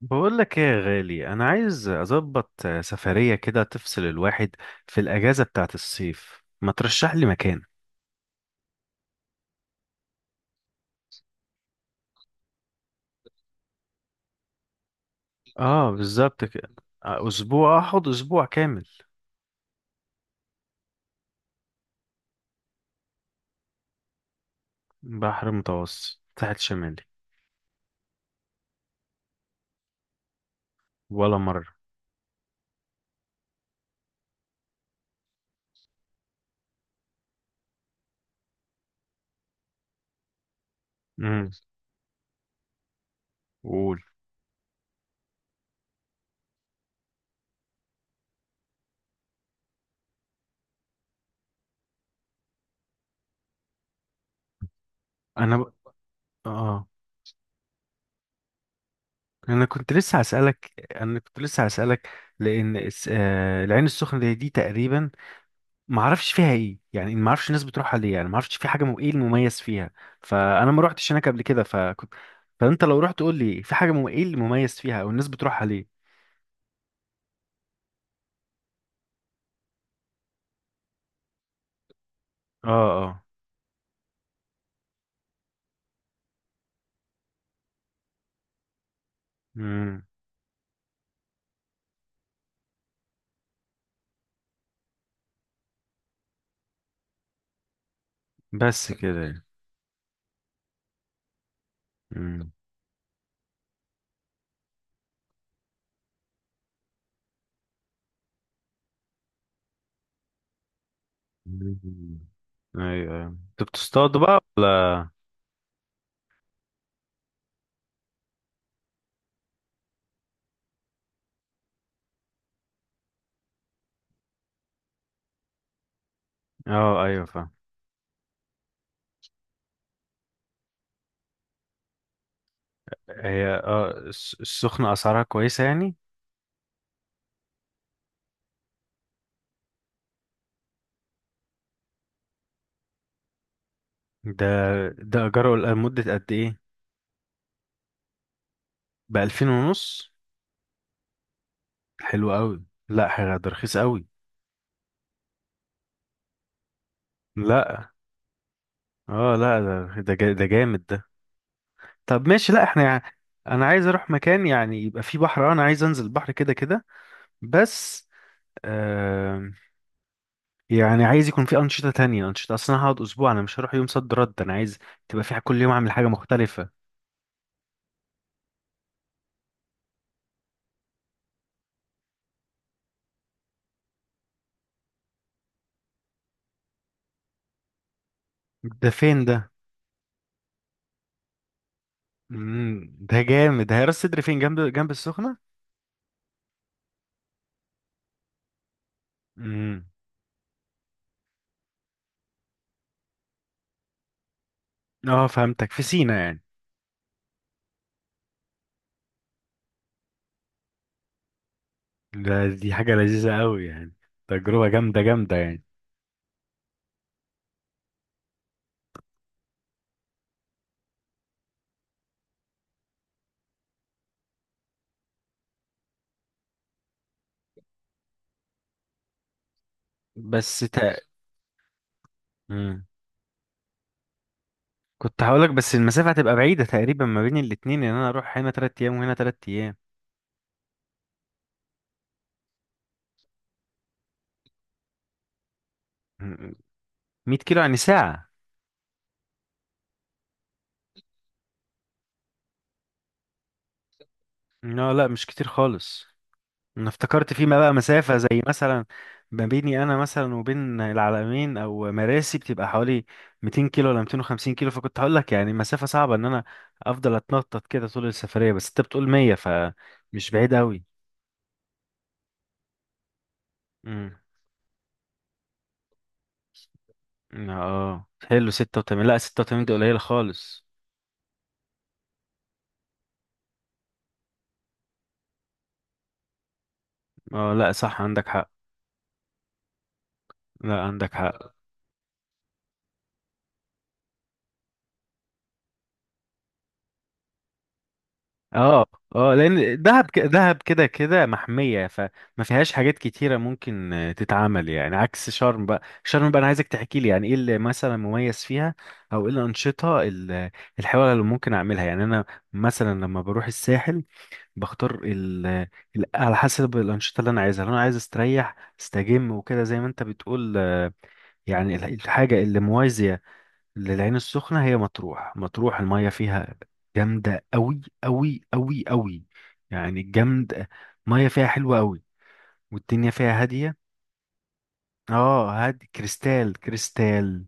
بقول لك ايه يا غالي، انا عايز اظبط سفرية كده تفصل الواحد في الاجازة بتاعت الصيف، ما ترشح لي مكان؟ اه بالظبط كده. آه، اسبوع اخد اسبوع كامل. بحر متوسط، ساحل شمالي. ولا مرة. امم قول. انا ب... اه انا كنت لسه هسألك، لان العين السخنة دي تقريبا، ما اعرفش فيها ايه يعني، ما اعرفش الناس بتروحها ليه يعني، ما اعرفش في ايه المميز فيها. فانا ما روحتش هناك قبل كده، فكنت. فانت لو رحت قول لي، في ايه المميز فيها او الناس بتروحها ليه. اه، اه. امم بس كده يعني. امم أمم. ايوه، ايوه، انتوا بتصطادوا بقى ولا؟ اه، ايوه، فاهم. هي السخنه اسعارها كويسه يعني؟ ده ده اجره لمده قد ايه؟ بـ2500. حلو قوي. لا حاجه، ده رخيص قوي. لا، اه لا، ده جامد ده. طب ماشي، لا احنا يعني. انا عايز اروح مكان يعني يبقى فيه بحر، انا عايز انزل البحر كده كده بس. آه يعني عايز يكون فيه انشطه تانية، انشطه، اصلا أنا هقعد اسبوع، انا مش هروح يوم صد رد، انا عايز تبقى في كل يوم اعمل حاجه مختلفه. ده فين ده؟ ده جامد ده. هي راس سدر فين، جنب جنب السخنه؟ امم اه، فهمتك، في سينا يعني. دي حاجه لذيذه قوي يعني، تجربه جامده جامده يعني. بس تق... كنت هقولك بس المسافة هتبقى بعيدة تقريبا ما بين الاتنين، ان انا اروح هنا 3 ايام وهنا 3 ايام. 100 كيلو، يعني ساعة. لا، لا، مش كتير خالص. انا افتكرت فيما بقى مسافة زي مثلا ما بيني انا مثلا وبين العلمين او مراسي بتبقى حوالي 200 كيلو ولا 250 كيلو، فكنت هقولك يعني مسافة صعبة، ان انا افضل اتنطط كده طول السفرية، بس انت بتقول 100 فمش بعيد قوي. امم اه، حلو 86. لا، 86 دي قليلة خالص. اه، لا، صح، عندك حق. لا، عندك حق. اه، اه، لان دهب دهب كده كده محميه، فما فيهاش حاجات كتيره ممكن تتعمل يعني، عكس شرم بقى. شرم بقى انا عايزك تحكي لي يعني ايه اللي مثلا مميز فيها، او ايه الانشطه الحلوه اللي ممكن اعملها يعني. انا مثلا لما بروح الساحل، بختار على حسب الانشطه اللي انا عايزها. لو انا عايز استريح استجم وكده زي ما انت بتقول، يعني الحاجه اللي موازيه للعين السخنة هي مطروح. مطروح المية فيها جامدة أوي أوي أوي أوي، يعني جامدة. مية فيها حلوة أوي، والدنيا فيها هادية. اه، هادي، كريستال كريستال.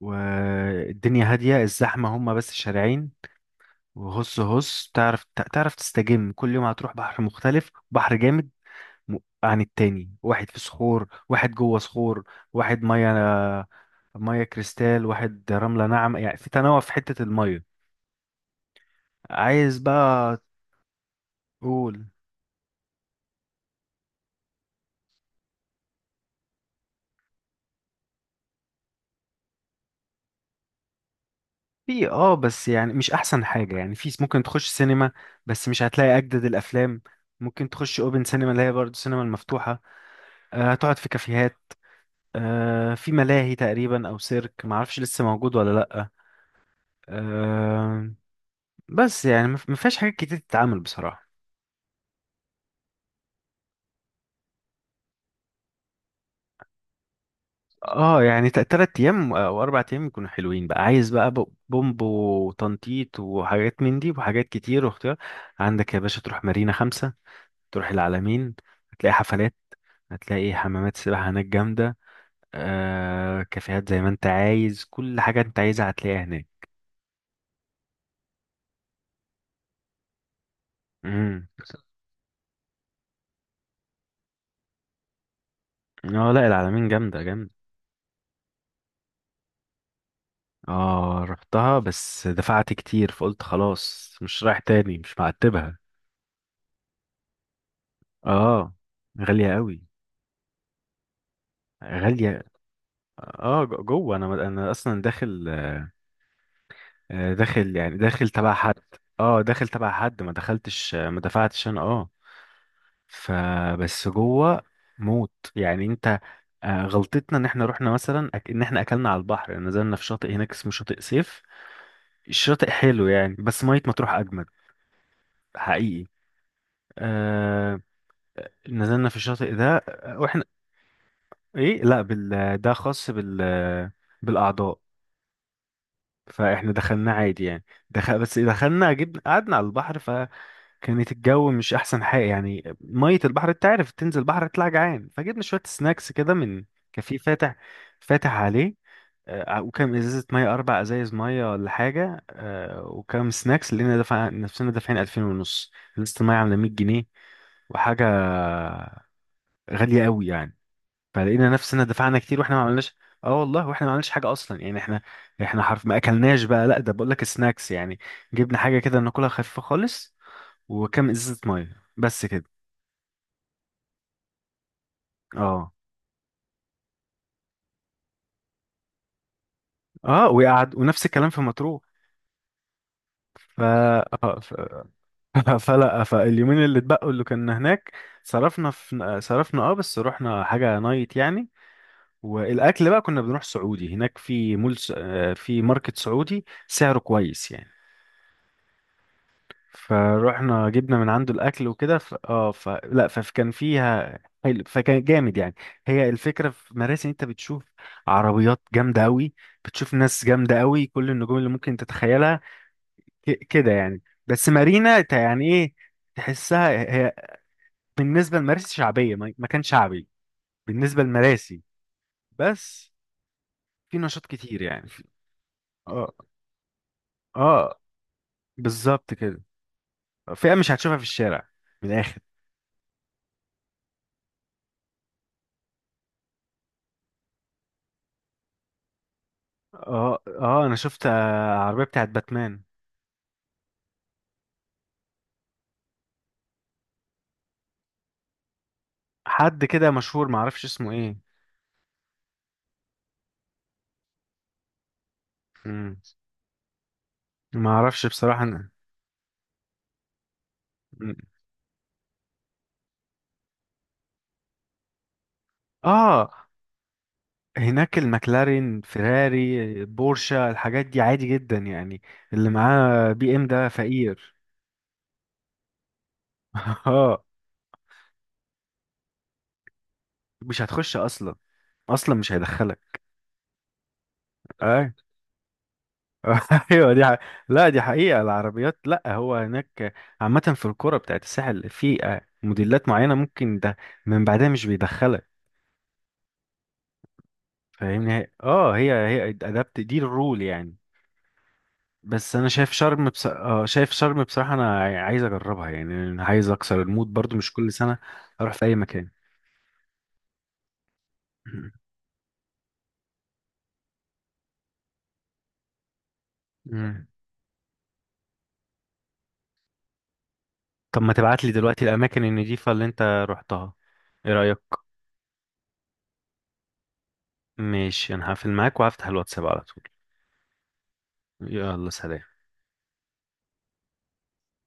والدنيا هادية، الزحمة هما بس شارعين. وهص هص، تعرف تستجم، كل يوم هتروح بحر مختلف، بحر جامد م- عن التاني، واحد في صخور، واحد جوه صخور، واحد مية، مية كريستال، واحد رملة ناعمة، يعني في تنوع في حتة المية. عايز بقى تقول. في، بس يعني مش احسن حاجة يعني، في ممكن تخش سينما، بس مش هتلاقي اجدد الافلام. ممكن تخش اوبن سينما اللي هي برضه السينما المفتوحة. هتقعد في كافيهات، في ملاهي تقريبا او سيرك، معرفش لسه موجود ولا لأ. آه، بس يعني مفيهاش حاجات كتير تتعمل بصراحة. اه يعني، تلات ايام او 4 ايام يكونوا حلوين بقى، عايز بقى بومب وتنطيط وحاجات من دي. وحاجات كتير واختيار عندك يا باشا، تروح مارينا خمسة، تروح العلمين، هتلاقي حفلات، هتلاقي حمامات سباحة هناك جامدة، كافيهات، زي ما انت عايز كل حاجة انت عايزها هتلاقيها هناك. امم اه، لا، العلمين جامدة جامدة. اه، رحتها بس دفعت كتير، فقلت خلاص مش رايح تاني، مش معتبها. اه، غالية قوي. غالية. اه، جوه، انا اصلا داخل، داخل يعني، داخل تبع حد. اه، داخل تبع حد، ما دخلتش ما دفعتش انا، اه. فبس جوه موت يعني انت. غلطتنا ان احنا رحنا مثلا ان احنا اكلنا على البحر، يعني نزلنا في شاطئ هناك اسمه شاطئ سيف. الشاطئ حلو يعني، بس مية مطروح اجمد حقيقي. آه نزلنا في الشاطئ ده، واحنا ايه، لا بال ده خاص بالاعضاء. فاحنا دخلنا عادي يعني. دخل بس، دخلنا جبنا قعدنا على البحر. كانت الجو مش احسن حاجه يعني، ميه البحر انت عارف تنزل بحر تطلع جعان، فجبنا شويه سناكس كده من كافيه فاتح، فاتح عليه. وكام ازازه ميه، 4 ازايز ميه ولا حاجه، وكام سناكس، لقينا دفع نفسنا دافعين 2000 ونص. لسه الميه عامله 100 جنيه وحاجه، غاليه قوي يعني. فلقينا نفسنا دفعنا كتير واحنا ما عملناش. اه والله، واحنا ما عملناش حاجه اصلا يعني، احنا حرف ما اكلناش بقى، لا ده بقول لك سناكس يعني. جبنا حاجه كده ناكلها خفيفه خالص، وكام ازازه ميه بس كده. اه. اه، وقعد ونفس الكلام في مطروح. ف... آه، ف... فلا، فاليومين اللي اتبقوا اللي كنا هناك، صرفنا، بس رحنا حاجة نايت يعني. والاكل بقى كنا بنروح سعودي هناك، في مول س... آه، في ماركت سعودي سعره كويس يعني. فروحنا جبنا من عنده الاكل وكده. لا، فكان فيها حلو، فكان جامد يعني. هي الفكرة في مراسي إن انت بتشوف عربيات جامدة قوي، بتشوف ناس جامدة قوي، كل النجوم اللي ممكن تتخيلها كده يعني. بس مارينا يعني ايه، تحسها هي بالنسبه لمراسي شعبيه، ما كان شعبي بالنسبه لمراسي بس. في نشاط كتير يعني اه، اه، بالظبط كده. فئه مش هتشوفها في الشارع، من الاخر. اه، اه، انا شفت عربيه بتاعت باتمان. حد كده مشهور، ما اعرفش اسمه ايه. مم. ما اعرفش بصراحه أنا. مم. اه، هناك المكلارين، فيراري، بورشا، الحاجات دي عادي جدا يعني. اللي معاه بي ام ده فقير. اه، مش هتخش اصلا، اصلا مش هيدخلك. اي. ايوه، دي حقيقة. لا، دي حقيقة. العربيات لا، هو هناك عامة في الكرة بتاعت الساحل، في موديلات معينة ممكن ده من بعدها مش بيدخلك. فاهمني. هي ادابت دي الرول يعني. بس انا شايف شرم بص... اه شايف شرم بصراحة، انا عايز اجربها يعني، أنا عايز اكسر المود برضو، مش كل سنة اروح في اي مكان. مم. طب ما تبعت لي دلوقتي الاماكن النضيفة اللي انت رحتها، ايه رأيك؟ ماشي، انا هقفل معاك وهفتح الواتساب على طول. يلا، سلام.